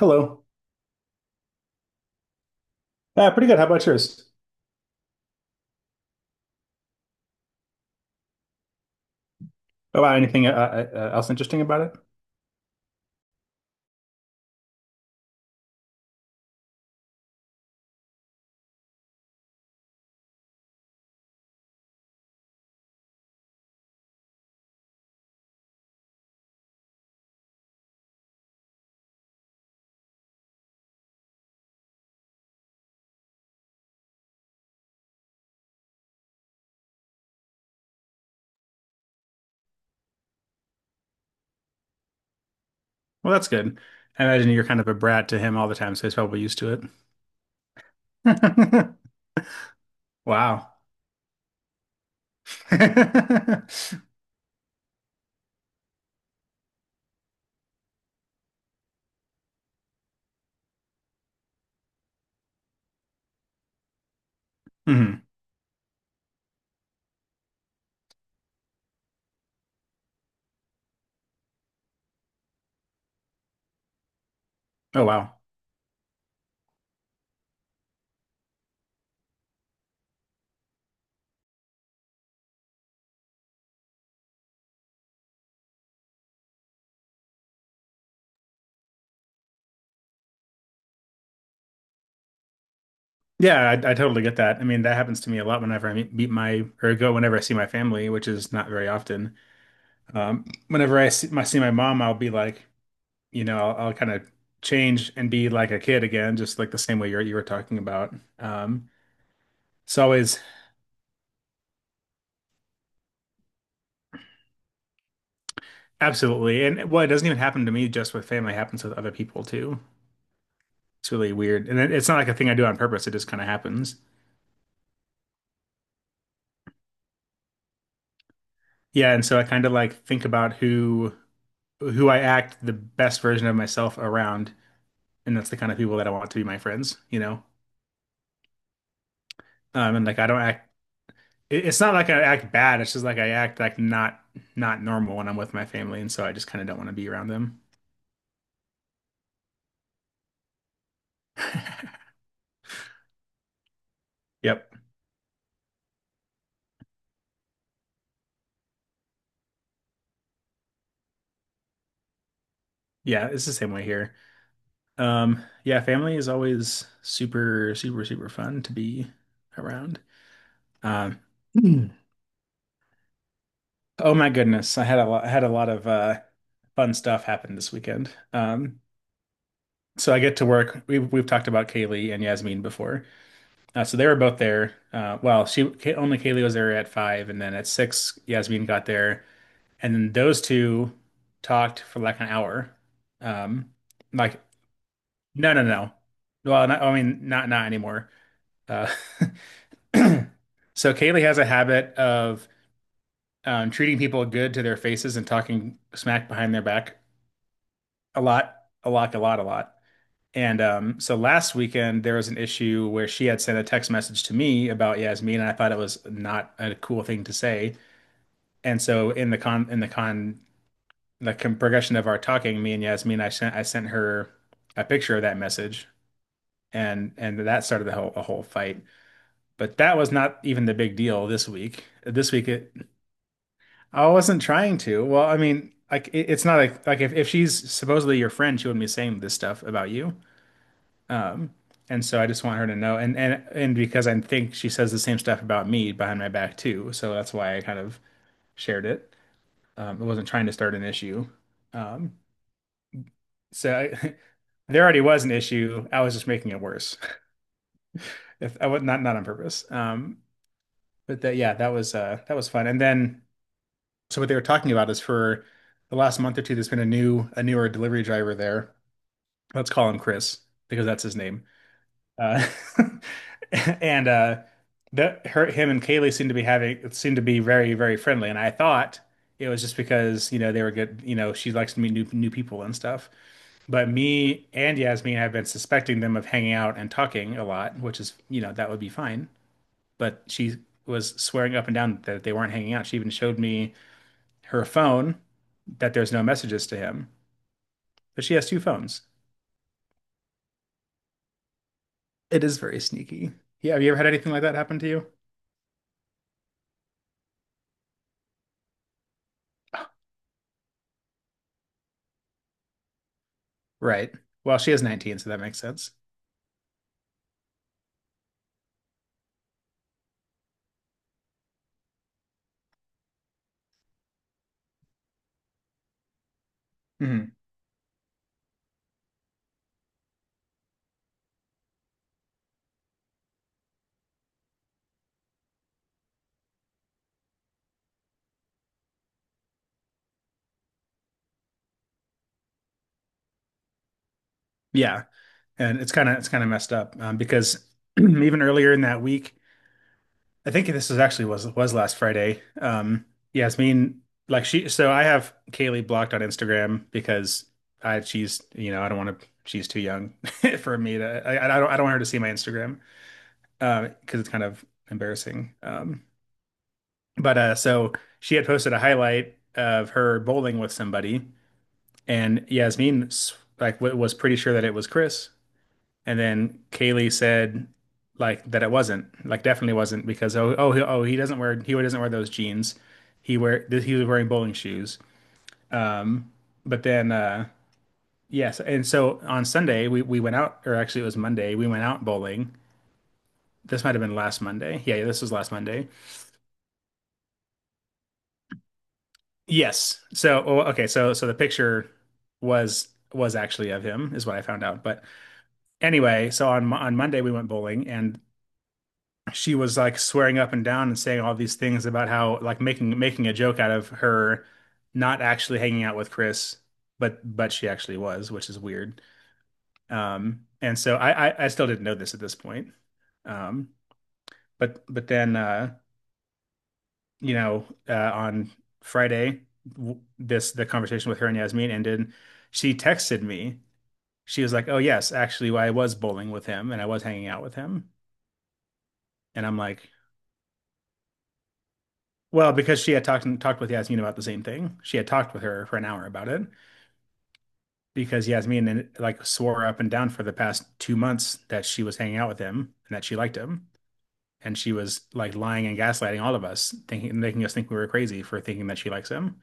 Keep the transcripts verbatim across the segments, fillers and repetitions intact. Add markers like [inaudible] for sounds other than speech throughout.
Hello. Uh, pretty good. How about yours? Oh, wow, anything uh, uh, uh, else interesting about it? Well, that's good. I imagine you're kind of a brat to him all the time, so he's probably used to it. [laughs] Wow. [laughs] Hmm. Oh, wow. Yeah, I, I totally get that. I mean, that happens to me a lot whenever I meet, meet my or go whenever I see my family, which is not very often. Um, whenever I see my, see my mom, I'll be like, you know, I'll, I'll kind of change and be like a kid again, just like the same way you're, you were talking about. Um, it's always Absolutely, and well, it doesn't even happen to me just with family; it happens with other people too. It's really weird, and it, it's not like a thing I do on purpose. It just kind of happens. Yeah, and so I kind of like think about who who I act the best version of myself around, and that's the kind of people that I want to be my friends, you know? Um, and like I don't act, it- it's not like I act bad, it's just like I act like not not normal when I'm with my family, and so I just kind of don't want to be around them. Yep. Yeah, it's the same way here. Um, yeah, family is always super, super, super fun to be around. Um, [clears throat] Hmm. Oh my goodness, I had a lot, I had a lot of uh fun stuff happen this weekend. Um, so I get to work. We've we've talked about Kaylee and Yasmin before. Uh, so they were both there. Uh, well, she Ka- only Kaylee was there at five, and then at six, Yasmin got there, and then those two talked for like an hour. Um, like no, no, no. Well, not, I mean, not not anymore. Uh, [clears throat] so Kaylee has a habit of um, treating people good to their faces and talking smack behind their back a lot, a lot, a lot, a lot. And um, so last weekend there was an issue where she had sent a text message to me about Yasmin, and I thought it was not a cool thing to say. And so in the con in the con the con progression of our talking, me and Yasmin, I sent I sent her a picture of that message, and and that started the whole a whole fight. But that was not even the big deal this week. This week it, I wasn't trying to. Well, I mean, like it, it's not like like if, if she's supposedly your friend, she wouldn't be saying this stuff about you. Um, and so I just want her to know, and and and because I think she says the same stuff about me behind my back too, so that's why I kind of shared it. Um, I wasn't trying to start an issue. Um, so I, [laughs] there already was an issue. I was just making it worse. [laughs] If I was not not on purpose. Um, but that yeah, that was uh that was fun. And then so what they were talking about is, for the last month or two, there's been a new a newer delivery driver there. Let's call him Chris because that's his name. Uh, [laughs] and uh, that her, him and Kaylee seem to be having seem to be very, very friendly. And I thought it was just because, you know, they were good, you know, she likes to meet new new people and stuff. But me and Yasmin have been suspecting them of hanging out and talking a lot, which is, you know, that would be fine. But she was swearing up and down that they weren't hanging out. She even showed me her phone that there's no messages to him. But she has two phones. It is very sneaky. Yeah, have you ever had anything like that happen to you? Right. Well, she is nineteen, so that makes sense. Hmm. Yeah, and it's kind of it's kind of messed up um, because [clears throat] even earlier in that week, I think this was actually was was last Friday. Um, Yasmin, like she, so I have Kaylee blocked on Instagram because I she's, you know, I don't want to, she's too young [laughs] for me to, I, I don't I don't want her to see my Instagram uh, because it's kind of embarrassing. Um, but uh, so she had posted a highlight of her bowling with somebody. And Yasmin s- like w was pretty sure that it was Chris, and then Kaylee said like that it wasn't, like definitely wasn't, because oh oh he, oh, he doesn't wear he doesn't wear those jeans. He wear th- he was wearing bowling shoes. Um, but then uh yes, and so on Sunday we we went out, or actually it was Monday. We went out bowling. This might have been last Monday. Yeah, yeah, this was last Monday. Yes. So oh, okay, so so the picture was was actually of him, is what I found out, but. Anyway, so on on Monday we went bowling, and she was like swearing up and down and saying all these things about how, like, making making a joke out of her not actually hanging out with Chris, but but she actually was, which is weird. Um, and so I, I I still didn't know this at this point. Um, but but then uh, you know uh, on Friday, w- this the conversation with her and Yasmin ended. She texted me. She was like, "Oh yes, actually, I was bowling with him and I was hanging out with him." And I'm like, well, because she had talked talked with Yasmin about the same thing. She had talked with her for an hour about it, because Yasmin like swore up and down for the past two months that she was hanging out with him and that she liked him. And she was like lying and gaslighting all of us, thinking making us think we were crazy for thinking that she likes him.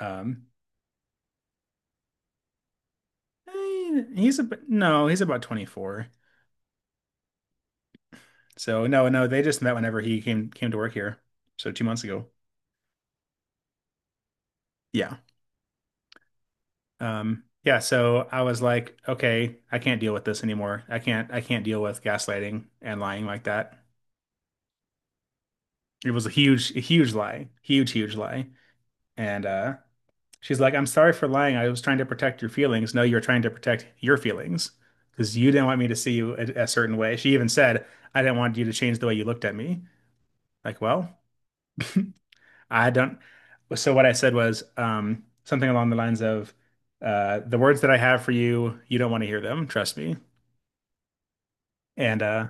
Um, eh, he's a no, he's about twenty-four. So no, no, they just met whenever he came came to work here. So two months ago. Yeah. Um, yeah, so I was like, okay, I can't deal with this anymore. I can't I can't deal with gaslighting and lying like that. It was a huge, a huge lie, huge, huge lie. And uh, she's like, I'm sorry for lying, I was trying to protect your feelings. No, you're trying to protect your feelings, because you didn't want me to see you a, a certain way. She even said, I didn't want you to change the way you looked at me. Like, well, I don't. So what I said was, um, something along the lines of, uh, the words that I have for you, you don't want to hear them. Trust me. And uh,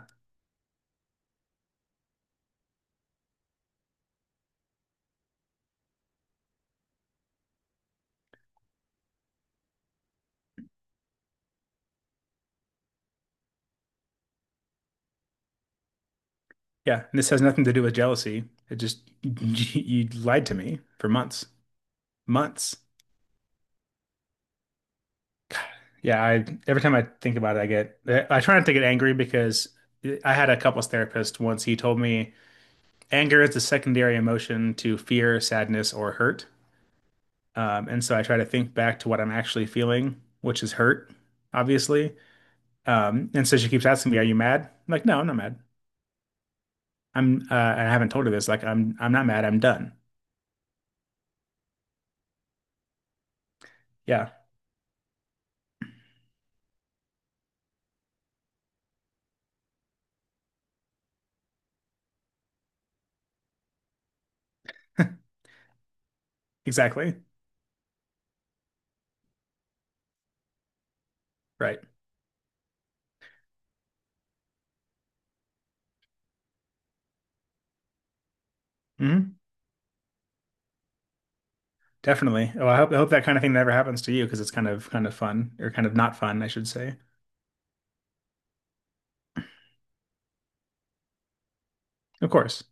Yeah, and this has nothing to do with jealousy. It just, [laughs] you lied to me for months, months. Yeah, I every time I think about it, I get, I try not to get angry, because I had a couples therapist once. He told me anger is the secondary emotion to fear, sadness, or hurt. Um, and so I try to think back to what I'm actually feeling, which is hurt, obviously. Um, and so she keeps asking me, "Are you mad?" I'm like, "No, I'm not mad. I'm uh, I haven't told her this. Like, I'm I'm not mad. I'm done." Yeah, [laughs] exactly. Right. Hmm. Definitely. Oh, I hope I hope that kind of thing never happens to you, because it's kind of, kind of fun, or kind of not fun, I should say. Of course.